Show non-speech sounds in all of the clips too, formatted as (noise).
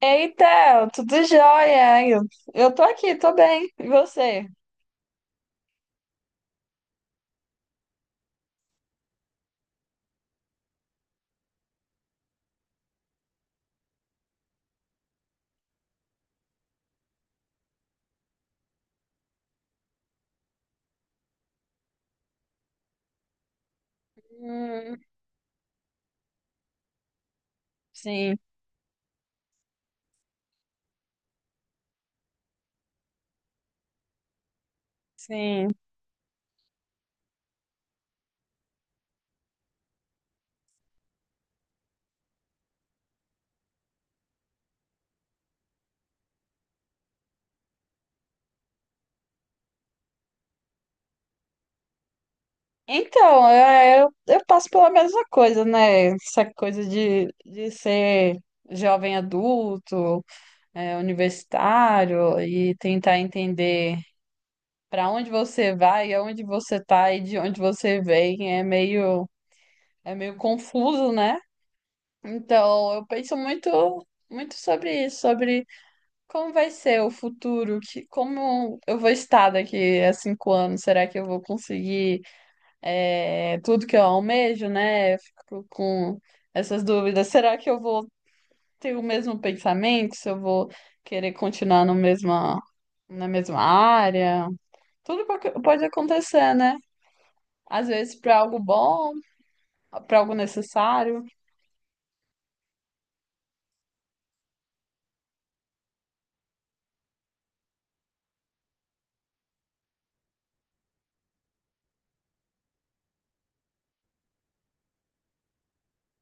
Eita, tudo jóia? Eu tô aqui, tô bem. E você? Hum, sim, sim. Então, eu passo pela mesma coisa, né? Essa coisa de ser jovem adulto, é, universitário e tentar entender para onde você vai, aonde você tá e de onde você vem é meio confuso, né? Então, eu penso muito, muito sobre isso, sobre como vai ser o futuro? Que, como eu vou estar daqui a 5 anos? Será que eu vou conseguir tudo que eu almejo, né? Eu fico com essas dúvidas. Será que eu vou ter o mesmo pensamento? Se eu vou querer continuar no mesma, na mesma área? Tudo pode acontecer, né? Às vezes para algo bom, para algo necessário.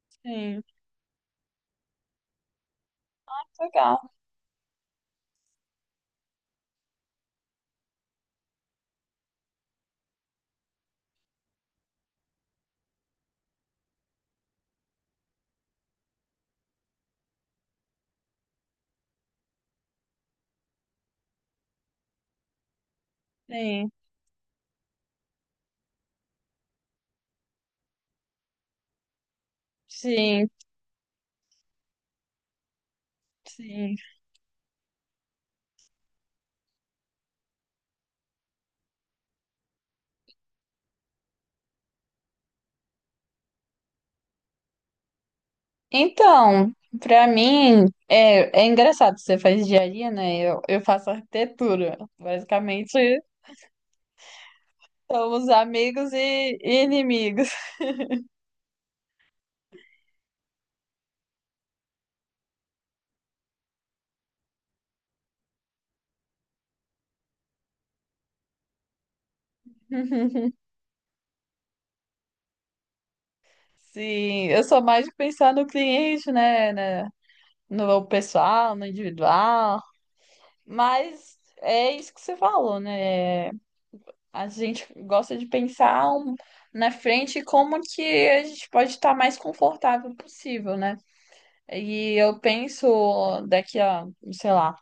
Sim, legal. Sim, sim, sim. Então, para mim, é engraçado, você faz engenharia, né? Eu faço arquitetura. Basicamente, somos amigos e inimigos. (laughs) Sim, eu sou mais de pensar no cliente, né? Né, no pessoal, no individual. Mas é isso que você falou, né? A gente gosta de pensar na frente como que a gente pode estar mais confortável possível, né? E eu penso daqui a, sei lá,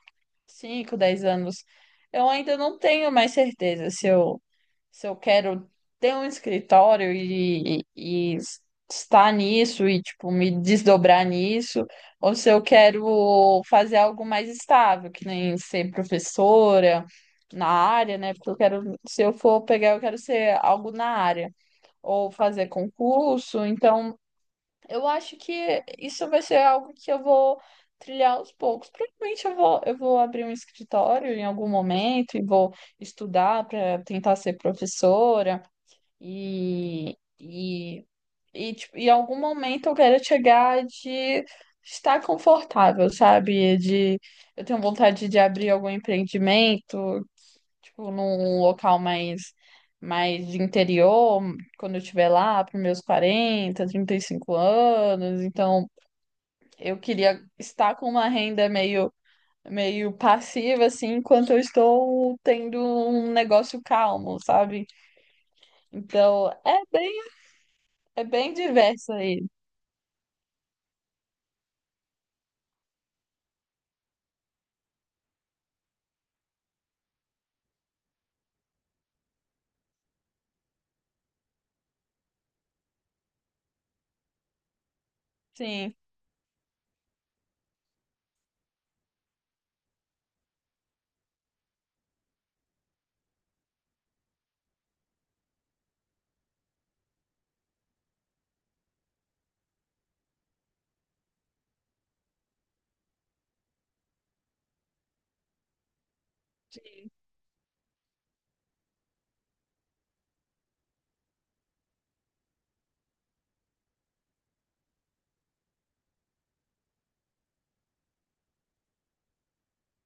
5, 10 anos. Eu ainda não tenho mais certeza se eu quero ter um escritório e estar nisso e, tipo, me desdobrar nisso, ou se eu quero fazer algo mais estável, que nem ser professora na área, né? Porque eu quero, se eu for pegar, eu quero ser algo na área, ou fazer concurso, então. Eu acho que isso vai ser algo que eu vou trilhar aos poucos. Provavelmente eu vou abrir um escritório em algum momento e vou estudar para tentar ser professora e, e, e tipo, em algum momento eu quero chegar de estar confortável, sabe? De eu tenho vontade de abrir algum empreendimento, tipo, num local mais, mais de interior, quando eu estiver lá para meus quarenta trinta e cinco anos. Então, eu queria estar com uma renda meio, meio passiva, assim, enquanto eu estou tendo um negócio calmo, sabe? Então, é bem diverso aí. Sim.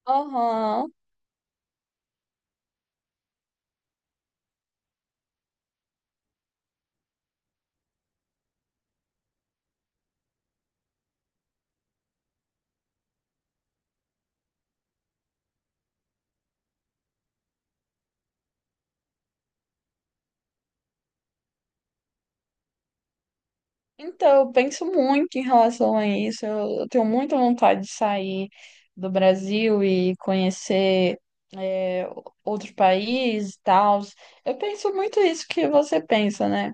Aham. Então, eu penso muito em relação a isso. Eu tenho muita vontade de sair do Brasil e conhecer é, outro país e tal. Eu penso muito isso que você pensa, né?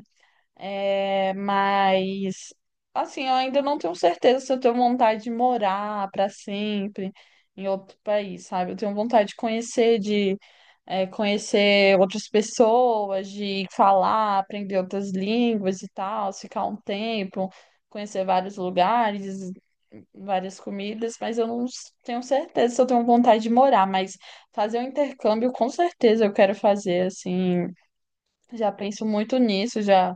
É, mas assim, eu ainda não tenho certeza se eu tenho vontade de morar para sempre em outro país, sabe? Eu tenho vontade de conhecer, de conhecer outras pessoas, de falar, aprender outras línguas e tal, ficar um tempo, conhecer vários lugares, várias comidas, mas eu não tenho certeza se eu tenho vontade de morar, mas fazer um intercâmbio com certeza eu quero fazer, assim, já penso muito nisso, já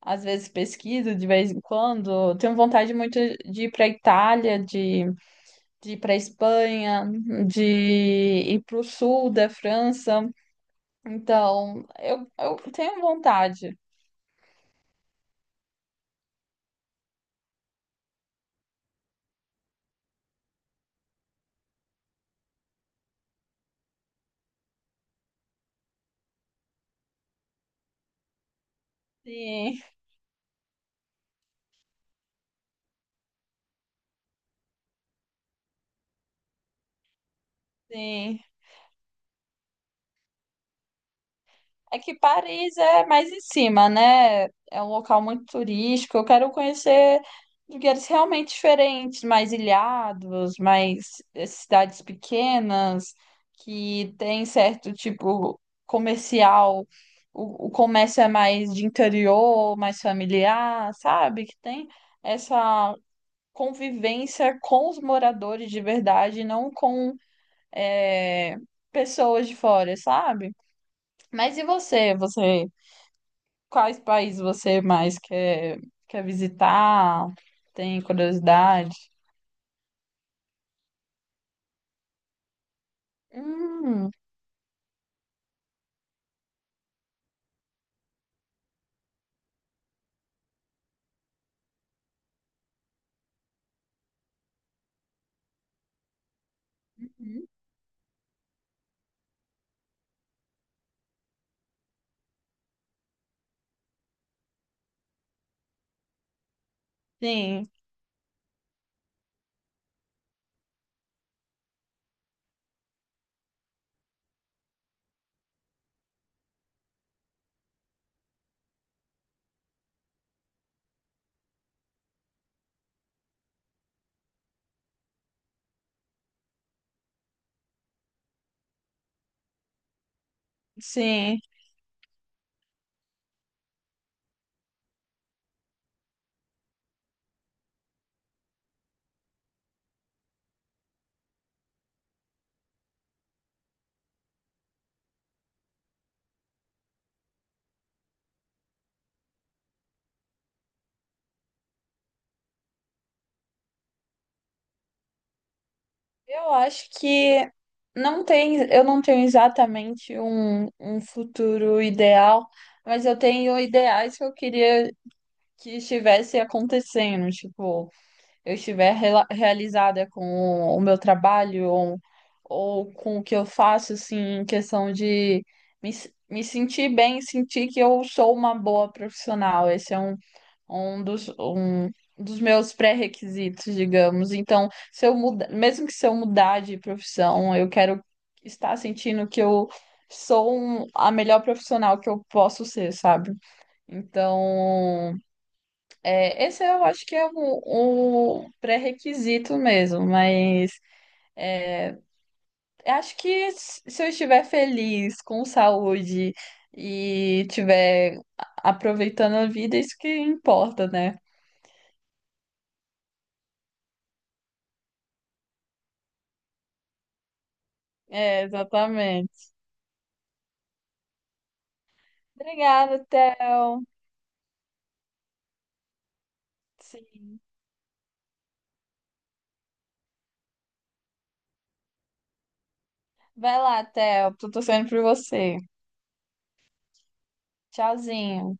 às vezes pesquiso de vez em quando. Tenho vontade muito de ir para Itália, de ir para Espanha, de ir para o sul da França. Então, eu tenho vontade. Sim, sim. É que Paris é mais em cima, né? É um local muito turístico. Eu quero conhecer lugares realmente diferentes, mais ilhados, mais cidades pequenas, que tem certo tipo comercial. O comércio é mais de interior, mais familiar, sabe? Que tem essa convivência com os moradores de verdade, não com eh, pessoas de fora, sabe? Mas e você? Você. Quais países você mais quer visitar? Tem curiosidade? Hum, uhum. Sim, sim. Eu acho que não tem, eu não tenho exatamente um, um futuro ideal, mas eu tenho ideais que eu queria que estivesse acontecendo, tipo, eu estiver realizada com o meu trabalho ou com o que eu faço, assim, em questão de me sentir bem, sentir que eu sou uma boa profissional. Esse é um dos meus pré-requisitos, digamos. Então, se eu muda, mesmo que se eu mudar de profissão, eu quero estar sentindo que eu sou a melhor profissional que eu posso ser, sabe? Então, esse eu acho que é o um pré-requisito mesmo, mas acho que se eu estiver feliz, com saúde e estiver aproveitando a vida, isso que importa, né? É, exatamente. Obrigada, Theo. Sim. Vai lá, Theo. Tô torcendo por você. Tchauzinho.